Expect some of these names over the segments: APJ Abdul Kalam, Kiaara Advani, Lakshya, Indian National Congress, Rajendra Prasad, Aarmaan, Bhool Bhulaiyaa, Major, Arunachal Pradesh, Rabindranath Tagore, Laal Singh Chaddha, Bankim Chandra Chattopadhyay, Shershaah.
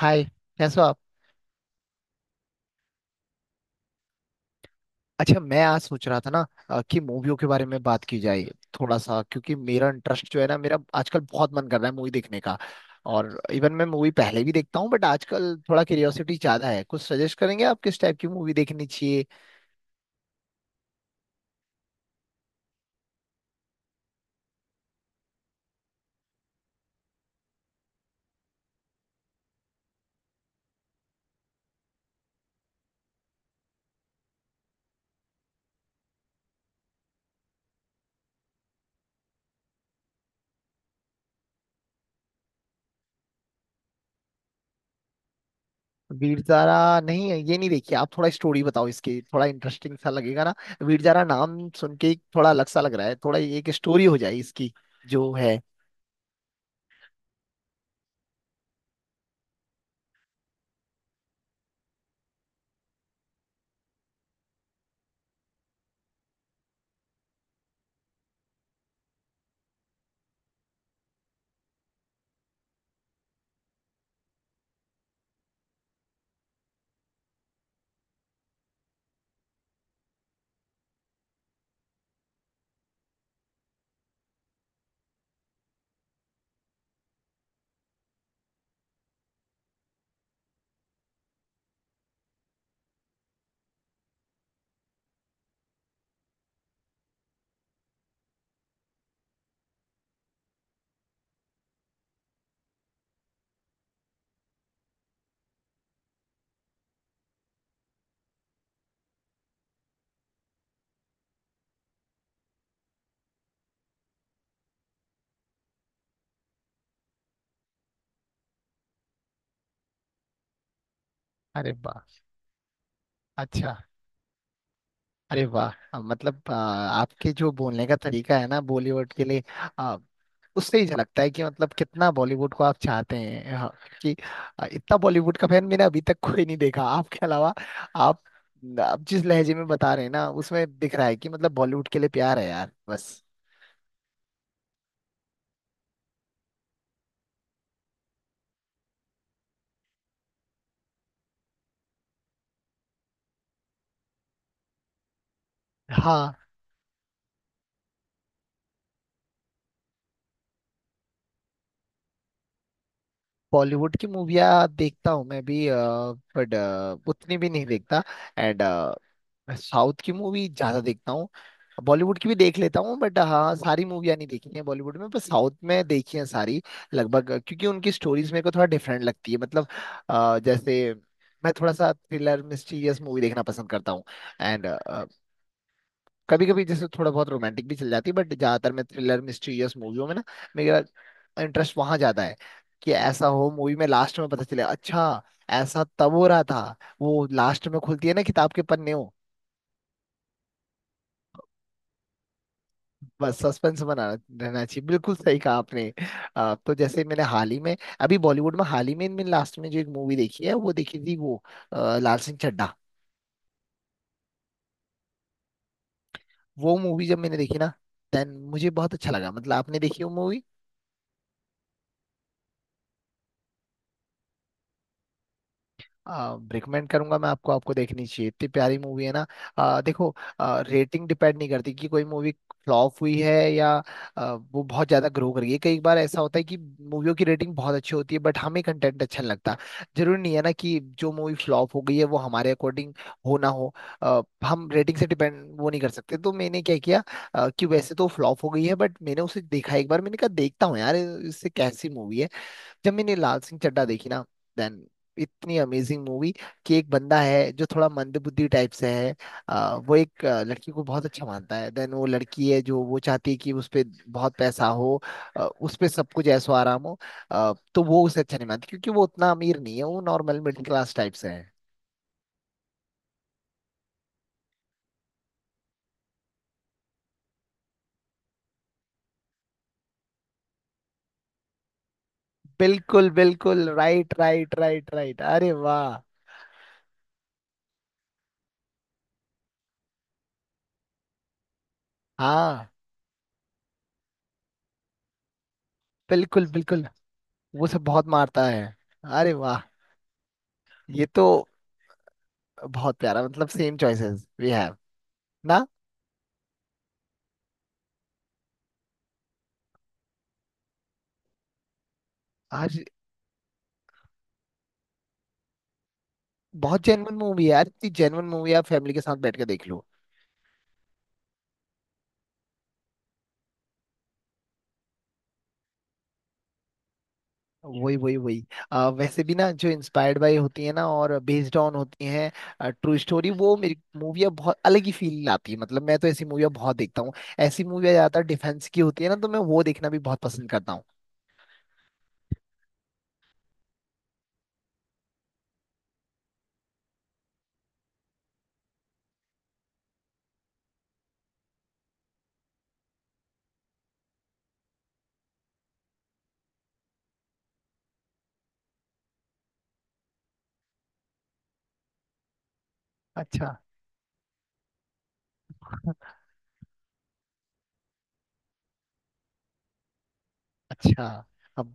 हाय। कैसे हो आप। अच्छा, मैं आज सोच रहा था ना कि मूवियों के बारे में बात की जाए थोड़ा सा, क्योंकि मेरा इंटरेस्ट जो है ना, मेरा आजकल बहुत मन कर रहा है मूवी देखने का। और इवन मैं मूवी पहले भी देखता हूँ, बट आजकल थोड़ा क्यूरियोसिटी ज्यादा है। कुछ सजेस्ट करेंगे आप किस टाइप की मूवी देखनी चाहिए। वीर जारा? नहीं है, ये नहीं देखिए। आप थोड़ा स्टोरी बताओ इसकी, थोड़ा इंटरेस्टिंग सा लगेगा ना। वीर जारा नाम सुन के ही थोड़ा अलग सा लग रहा है। थोड़ा एक स्टोरी हो जाए इसकी जो है। अरे वाह। अच्छा। अरे वाह, मतलब आपके जो बोलने का तरीका है ना बॉलीवुड के लिए, अ, उससे ही झलकता है कि मतलब कितना बॉलीवुड को आप चाहते हैं। हाँ, कि इतना बॉलीवुड का फैन मैंने अभी तक कोई नहीं देखा आपके अलावा। आप आप जिस लहजे में बता रहे हैं ना, उसमें दिख रहा है कि मतलब बॉलीवुड के लिए प्यार है यार बस। हाँ, बॉलीवुड की मूवियाँ देखता हूँ मैं भी, बट उतनी भी नहीं देखता। एंड मैं साउथ की मूवी ज्यादा देखता हूँ। बॉलीवुड की भी देख लेता हूँ, बट हाँ, सारी मूवियाँ नहीं देखी हैं बॉलीवुड में, पर साउथ में देखी हैं सारी लगभग, क्योंकि उनकी स्टोरीज मेरे को थोड़ा डिफरेंट लगती है। मतलब, जैसे मैं थोड़ा सा थ्रिलर मिस्टीरियस मूवी देखना पसंद करता हूँ। एंड कभी कभी जैसे थोड़ा बहुत रोमांटिक भी चल जाती है, बट ज्यादातर मैं थ्रिलर मिस्टीरियस मूवियों में ना, मेरा इंटरेस्ट वहां ज्यादा है। कि ऐसा हो मूवी में लास्ट में पता चले, अच्छा, ऐसा तब हो रहा था। वो लास्ट में खुलती है ना किताब के पन्ने। बस सस्पेंस बना रहना चाहिए, बिल्कुल सही कहा आपने। तो जैसे मैंने हाल ही में, अभी बॉलीवुड में हाल ही में इनमें लास्ट में जो एक मूवी देखी है, वो देखी थी वो लाल सिंह चड्ढा। वो मूवी जब मैंने देखी ना, देन मुझे बहुत अच्छा लगा। मतलब आपने देखी वो मूवी? रिकमेंड करूंगा मैं आपको, आपको देखनी चाहिए, इतनी प्यारी मूवी है ना। देखो, रेटिंग डिपेंड नहीं करती कि कोई मूवी फ्लॉप हुई है या वो बहुत ज्यादा ग्रो कर गई है। कई बार ऐसा होता है कि मूवियों की रेटिंग बहुत अच्छी होती है बट हमें कंटेंट अच्छा नहीं लगता। जरूरी नहीं है ना कि जो मूवी फ्लॉप हो गई है वो हमारे अकॉर्डिंग हो ना हो। आ, हम रेटिंग से डिपेंड वो नहीं कर सकते। तो मैंने क्या किया, कि वैसे तो फ्लॉप हो गई है, बट मैंने उसे देखा। एक बार मैंने कहा, देखता हूँ यार इससे कैसी मूवी है। जब मैंने लाल सिंह चड्ढा देखी ना, देन इतनी अमेजिंग मूवी। कि एक बंदा है जो थोड़ा मंदबुद्धि टाइप से है। वो एक लड़की को बहुत अच्छा मानता है। देन वो लड़की है जो वो चाहती है कि उस पे बहुत पैसा हो, उस पे सब कुछ ऐसो आराम हो। तो वो उसे अच्छा नहीं मानती क्योंकि वो उतना अमीर नहीं है, वो नॉर्मल मिडिल क्लास टाइप से है। बिल्कुल बिल्कुल, राइट राइट राइट राइट। अरे वाह। हाँ, बिल्कुल बिल्कुल। वो सब बहुत मारता है। अरे वाह। ये तो बहुत प्यारा, मतलब सेम चॉइसेस वी हैव ना। आज बहुत जेनवन मूवी है यार, इतनी जेनवन मूवी आप फैमिली के साथ बैठ के देख लो। वही वही वही, वैसे भी ना जो इंस्पायर्ड बाय होती है ना और बेस्ड ऑन होती हैं ट्रू स्टोरी, वो मेरी मूवियाँ बहुत अलग ही फील लाती है। मतलब मैं तो ऐसी मूवियाँ बहुत देखता हूँ। ऐसी मूवियाँ ज्यादातर डिफेंस की होती है ना, तो मैं वो देखना भी बहुत पसंद करता हूँ। अच्छा। अच्छा। अब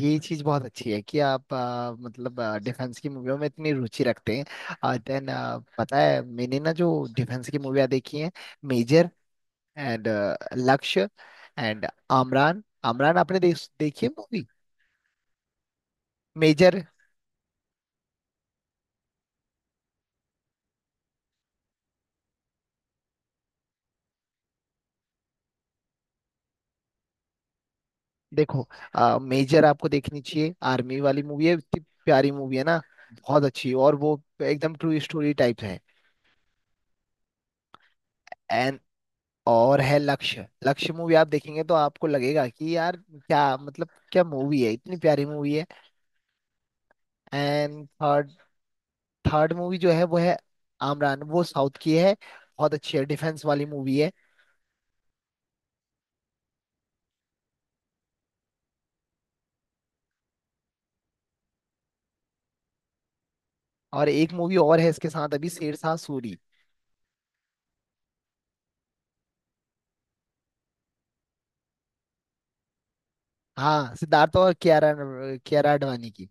ये चीज बहुत अच्छी है कि आप मतलब डिफेंस की मूवियों में इतनी रुचि रखते हैं। देन पता है मैंने ना जो डिफेंस की मूवियाँ देखी हैं, Major and Lakshya and Amaran. Amaran आपने देखी है मूवी? मेजर देखो, मेजर आपको देखनी चाहिए, आर्मी वाली मूवी है, इतनी प्यारी मूवी है ना, बहुत अच्छी। और वो एकदम ट्रू स्टोरी टाइप है। एंड और है लक्ष्य। लक्ष्य मूवी आप देखेंगे तो आपको लगेगा कि यार क्या मतलब क्या मूवी है, इतनी प्यारी मूवी है। एंड थर्ड, थर्ड मूवी जो है वो है आमरान। वो साउथ की है, बहुत अच्छी है, डिफेंस वाली मूवी है। और एक मूवी और है इसके साथ अभी, शेरशाह सूरी। हाँ, सिद्धार्थ और कियारा, कियारा आडवाणी की।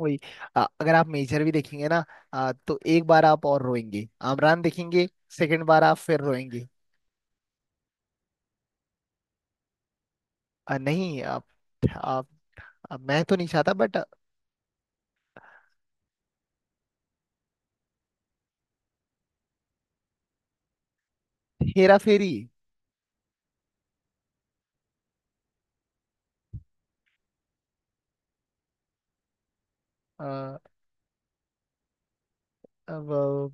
वही। अगर आप मेजर भी देखेंगे ना, तो एक बार आप और रोएंगे। आमरान देखेंगे, सेकंड बार आप फिर रोएंगे। नहीं, आप, आप मैं तो नहीं चाहता, बट हेरा फेरी। अ, अब,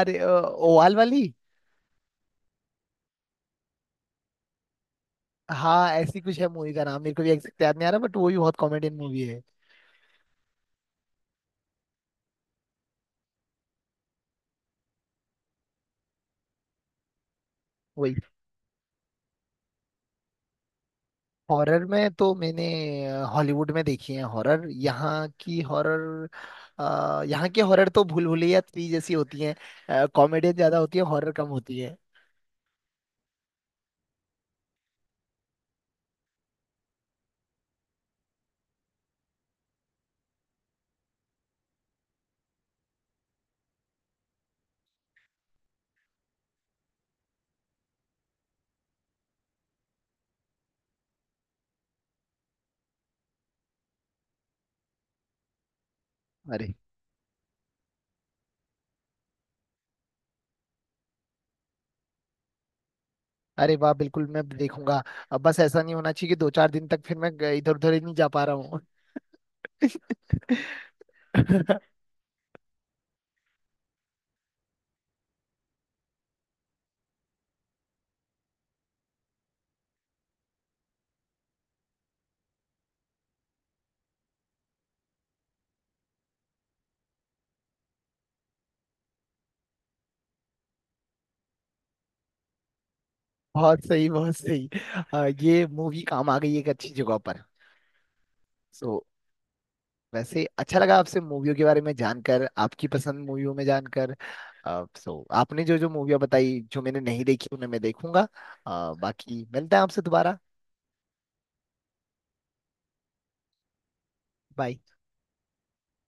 अरे ओवाल वाली। हाँ, ऐसी कुछ है मूवी का नाम, मेरे को भी एग्जैक्ट याद नहीं आ रहा, बट वो भी बहुत कॉमेडियन मूवी है। हॉरर में तो मैंने हॉलीवुड में देखी है हॉरर। यहाँ की हॉरर, यहाँ की हॉरर तो भूल भुलैया 3 जैसी होती है, कॉमेडियन ज्यादा होती है, हॉरर कम होती है। अरे। अरे वाह, बिल्कुल मैं देखूंगा। अब बस ऐसा नहीं होना चाहिए कि दो चार दिन तक फिर मैं इधर उधर ही नहीं जा पा रहा हूँ। बहुत सही बहुत सही। ये मूवी काम आ गई एक अच्छी जगह पर। सो, वैसे अच्छा लगा आपसे मूवियों के बारे में जानकर, आपकी पसंद मूवियों में जानकर। सो आपने जो जो मूवियाँ बताई जो मैंने नहीं देखी, उन्हें मैं देखूंगा। बाकी मिलते हैं आपसे दोबारा। बाय।